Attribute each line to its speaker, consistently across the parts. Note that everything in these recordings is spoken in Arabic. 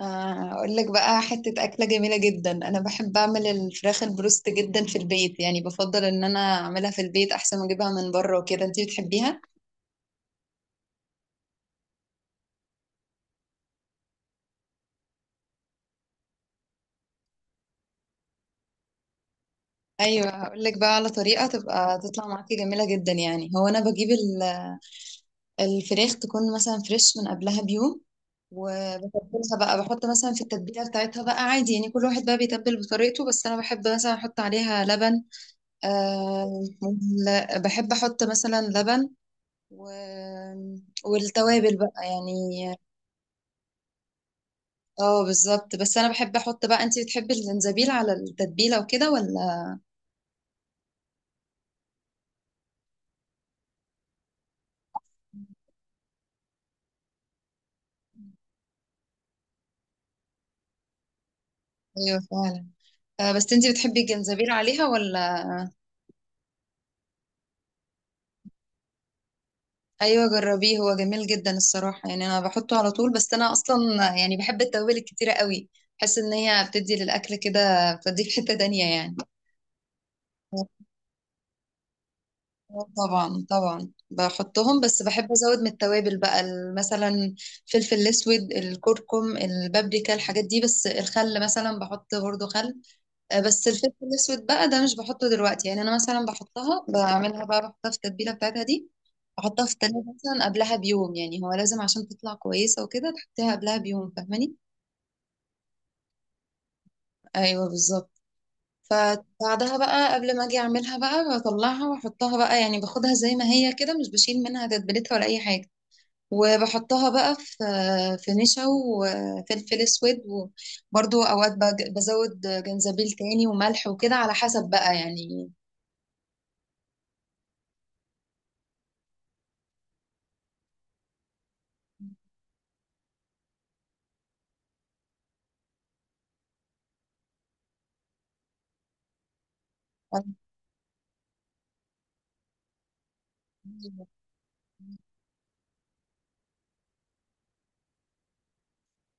Speaker 1: اقول لك بقى حتة أكلة جميلة جدا. انا بحب اعمل الفراخ البروست جدا في البيت، يعني بفضل ان انا اعملها في البيت احسن ما اجيبها من بره وكده. انتي بتحبيها؟ ايوه، هقول لك بقى على طريقة تبقى تطلع معاكي جميلة جدا. يعني هو انا بجيب الفراخ تكون مثلا فريش من قبلها بيوم، وبتبلها بقى. بحط مثلا في التتبيلة بتاعتها بقى عادي، يعني كل واحد بقى بيتبل بطريقته، بس انا بحب مثلا احط عليها لبن. أه. بحب احط مثلا لبن و... والتوابل بقى يعني. اه بالظبط. بس انا بحب احط بقى، انتي بتحبي الجنزبيل على التتبيله وكده ولا؟ ايوه فعلا. آه، بس انتي بتحبي الجنزبيل عليها ولا؟ ايوه جربيه، هو جميل جدا الصراحه، يعني انا بحطه على طول. بس انا اصلا يعني بحب التوابل الكتيره قوي، بحس ان هي بتدي للاكل كده، بتدي في حته تانية يعني. آه طبعا طبعا بحطهم، بس بحب ازود من التوابل بقى مثلا فلفل الاسود، الكركم، البابريكا، الحاجات دي. بس الخل مثلا بحط برضو خل. آه، بس الفلفل الاسود بقى ده مش بحطه دلوقتي، يعني انا مثلا بحطها، بعملها بقى، بحطها في التتبيله بتاعتها دي. بحطها في التلاجة مثلا قبلها بيوم، يعني هو لازم عشان تطلع كويسه وكده تحطيها قبلها بيوم، فاهماني؟ ايوه بالظبط. فبعدها بقى قبل ما اجي اعملها بقى، بطلعها واحطها بقى، يعني باخدها زي ما هي كده، مش بشيل منها تتبيلتها ولا اي حاجه، وبحطها بقى في في نشا وفلفل اسود، وبرضو اوقات بزود جنزبيل تاني وملح وكده، على حسب بقى يعني.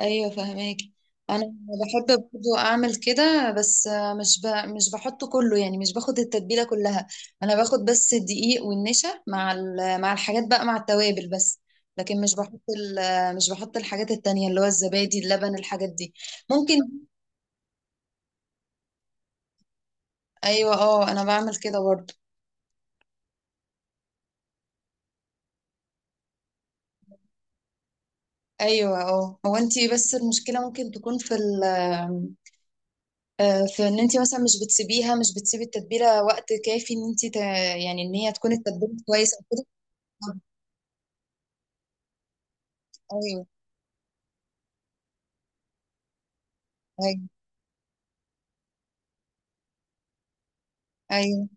Speaker 1: ايوه فهماك. انا بحب برضو اعمل كده، بس مش ب... مش بحطه كله، يعني مش باخد التتبيله كلها. انا باخد بس الدقيق والنشا مع مع الحاجات بقى، مع التوابل بس. لكن مش بحط مش بحط الحاجات التانية اللي هو الزبادي، اللبن، الحاجات دي. ممكن. ايوه اه انا بعمل كده برضو. ايوه اه، هو انت بس المشكله ممكن تكون في ال، آه، في ان انت مثلا مش بتسيبيها، مش بتسيبي التتبيله وقت كافي، ان انت يعني، ان هي تكون التتبيله كويسه وكده. طب- ايوه. ايوه. ايوه.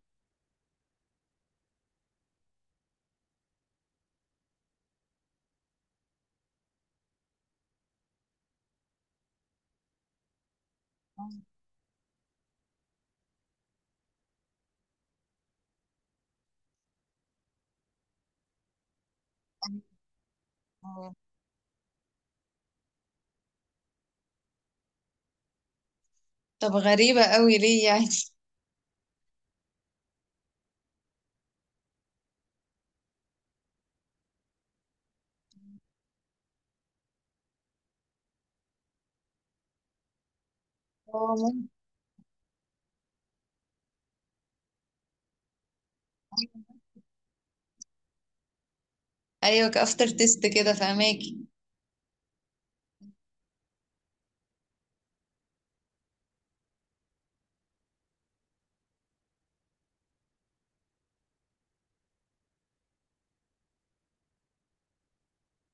Speaker 1: أيوة. آه. طب غريبه قوي ليه يعني؟ آه، ممكن. ايوه كافتر تيست كده، فهماكي؟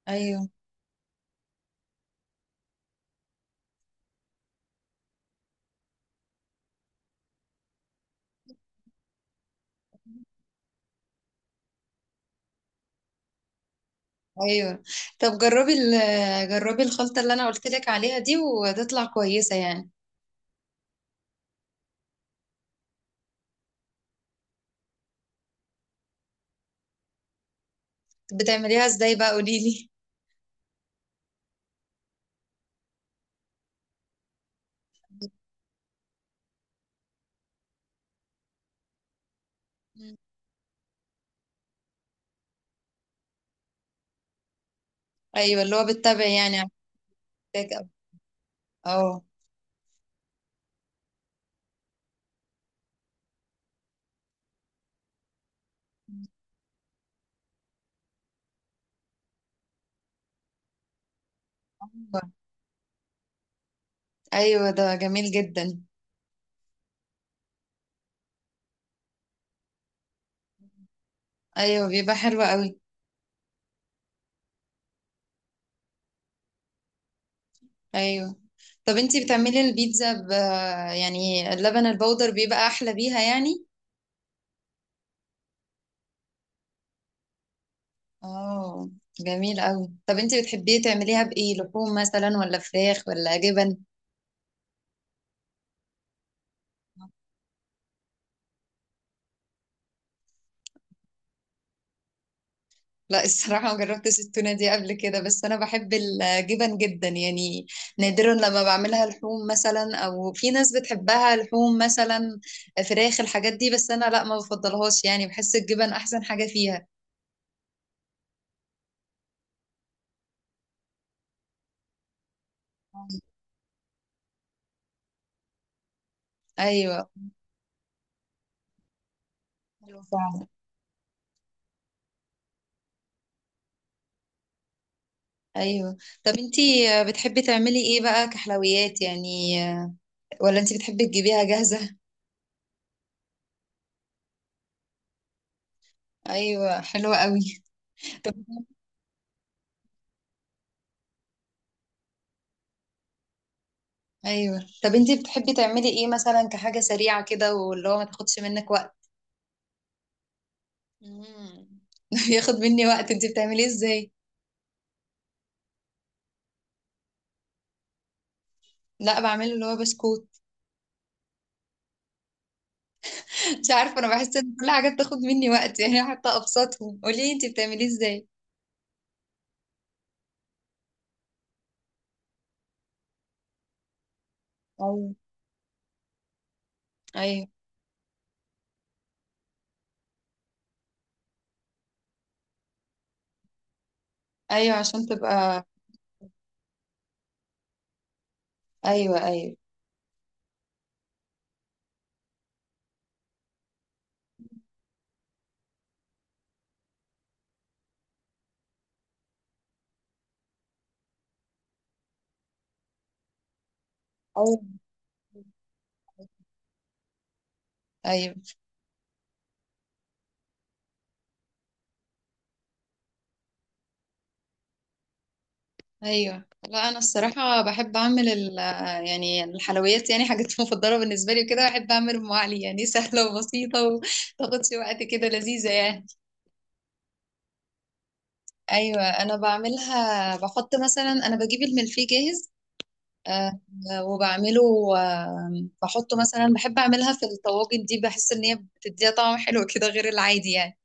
Speaker 1: ايوه. ايوه. طب جربي ال-، جربي الخلطه اللي انا قلت لك عليها دي وتطلع كويسه يعني. بتعمليها ازاي بقى؟ قولي لي. ايوه، اللي هو بتتابعي يعني على التيك أب. اه. أيوة. أيوة، ده جميل جدا. أيوة بيبقى حلو قوي. أيوة. طب انتي بتعملي البيتزا ب، يعني اللبن البودر بيبقى أحلى بيها يعني؟ اه. جميل قوي. طب انتي بتحبيه تعمليها بإيه؟ لحوم مثلا، ولا فراخ، ولا جبن؟ لا الصراحة ما جربتش التونة دي قبل كده، بس أنا بحب الجبن جدا يعني. نادرا لما بعملها لحوم مثلا، أو في ناس بتحبها لحوم مثلا، فراخ، الحاجات دي، بس أنا لا ما بفضلهاش يعني، بحس الجبن أحسن حاجة فيها. ايوه. ايوه فعلا. ايوه. طب انتي بتحبي تعملي ايه بقى كحلويات يعني، ولا انتي بتحبي تجيبيها جاهزة؟ ايوه حلوة قوي. طب، ايوه. طب انتي بتحبي تعملي ايه مثلا كحاجة سريعة كده، واللي هو ما تاخدش منك وقت؟ مم. ياخد مني وقت؟ انتي بتعمليه ازاي؟ لا بعمله اللي هو بسكوت. مش عارفة انا بحس ان كل حاجة بتاخد مني وقت يعني. حتى ابسطهم قولي لي انتي بتعمليه ازاي. ايوه ايوه. ايوه عشان تبقى. ايوه. ايوه ايوه. ايوه لا انا الصراحه بحب اعمل ال، يعني الحلويات، يعني حاجات مفضله بالنسبه لي وكده. بحب اعمل ام علي، يعني سهله وبسيطه وتاخدش وقت كده، لذيذه يعني. ايوه انا بعملها بحط مثلا، انا بجيب الملفيه جاهز. آه، وبعمله. آه، بحطه مثلا. بحب اعملها في الطواجن دي، بحس ان هي بتديها طعم حلو كده غير العادي يعني.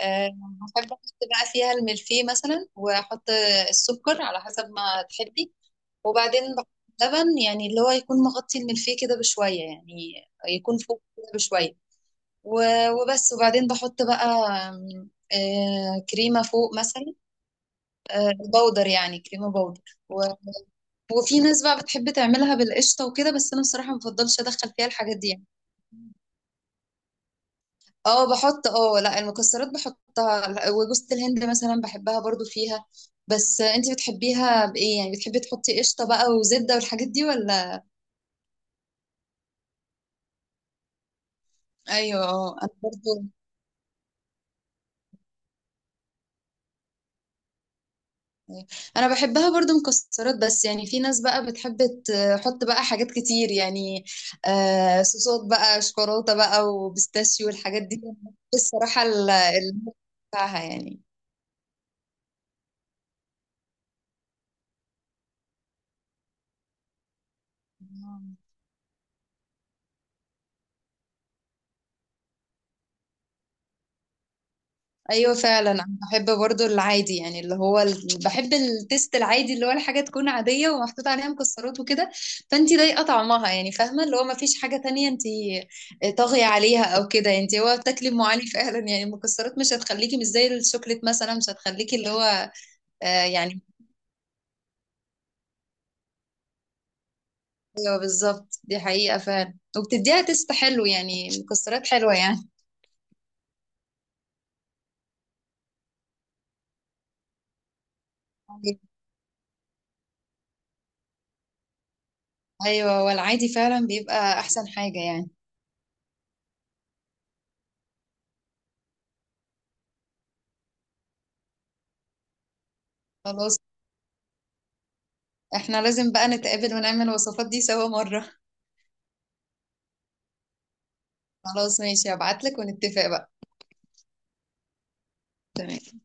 Speaker 1: آه، بحب احط بقى فيها الملفيه مثلا، واحط السكر على حسب ما تحبي، وبعدين بحط لبن، يعني اللي هو يكون مغطي الملفيه كده بشوية يعني، يكون فوق كده بشوية. وبس. وبعدين بحط بقى، آم، آه، كريمة فوق مثلا. آه، بودر، يعني كريمة بودر. و... وفي ناس بقى بتحب تعملها بالقشطة وكده، بس أنا بصراحة ما بفضلش أدخل فيها الحاجات دي يعني. اه بحط. اه لا، المكسرات بحطها وجوزة الهند مثلا بحبها برضو فيها. بس انتي بتحبيها بإيه يعني؟ بتحبي تحطي قشطة بقى وزبدة والحاجات دي ولا؟ ايوه اه انا برضو، انا بحبها برضو مكسرات بس، يعني في ناس بقى بتحب تحط بقى حاجات كتير يعني. آه صوصات بقى، شوكولاتة بقى، وبيستاشيو، والحاجات دي. بس الصراحة بتاعها يعني. ايوه فعلا. انا بحب برضو العادي، يعني اللي هو ال...، بحب التيست العادي اللي هو الحاجه تكون عاديه ومحطوط عليها مكسرات وكده. فانت ضايقه طعمها يعني، فاهمه اللي هو ما فيش حاجه تانية انت، آه، طاغيه عليها او كده يعني. انت هو بتاكلي ام علي فعلا يعني، المكسرات مش هتخليكي مش زي الشوكليت مثلا مش هتخليكي اللي هو، آه، يعني. ايوه بالظبط، دي حقيقه فعلا، وبتديها تيست حلو يعني، مكسرات حلوه يعني. ايوه والعادي فعلا بيبقى احسن حاجه يعني. خلاص احنا لازم بقى نتقابل ونعمل الوصفات دي سوا مرة. خلاص ماشي، هبعتلك ونتفق بقى. تمام.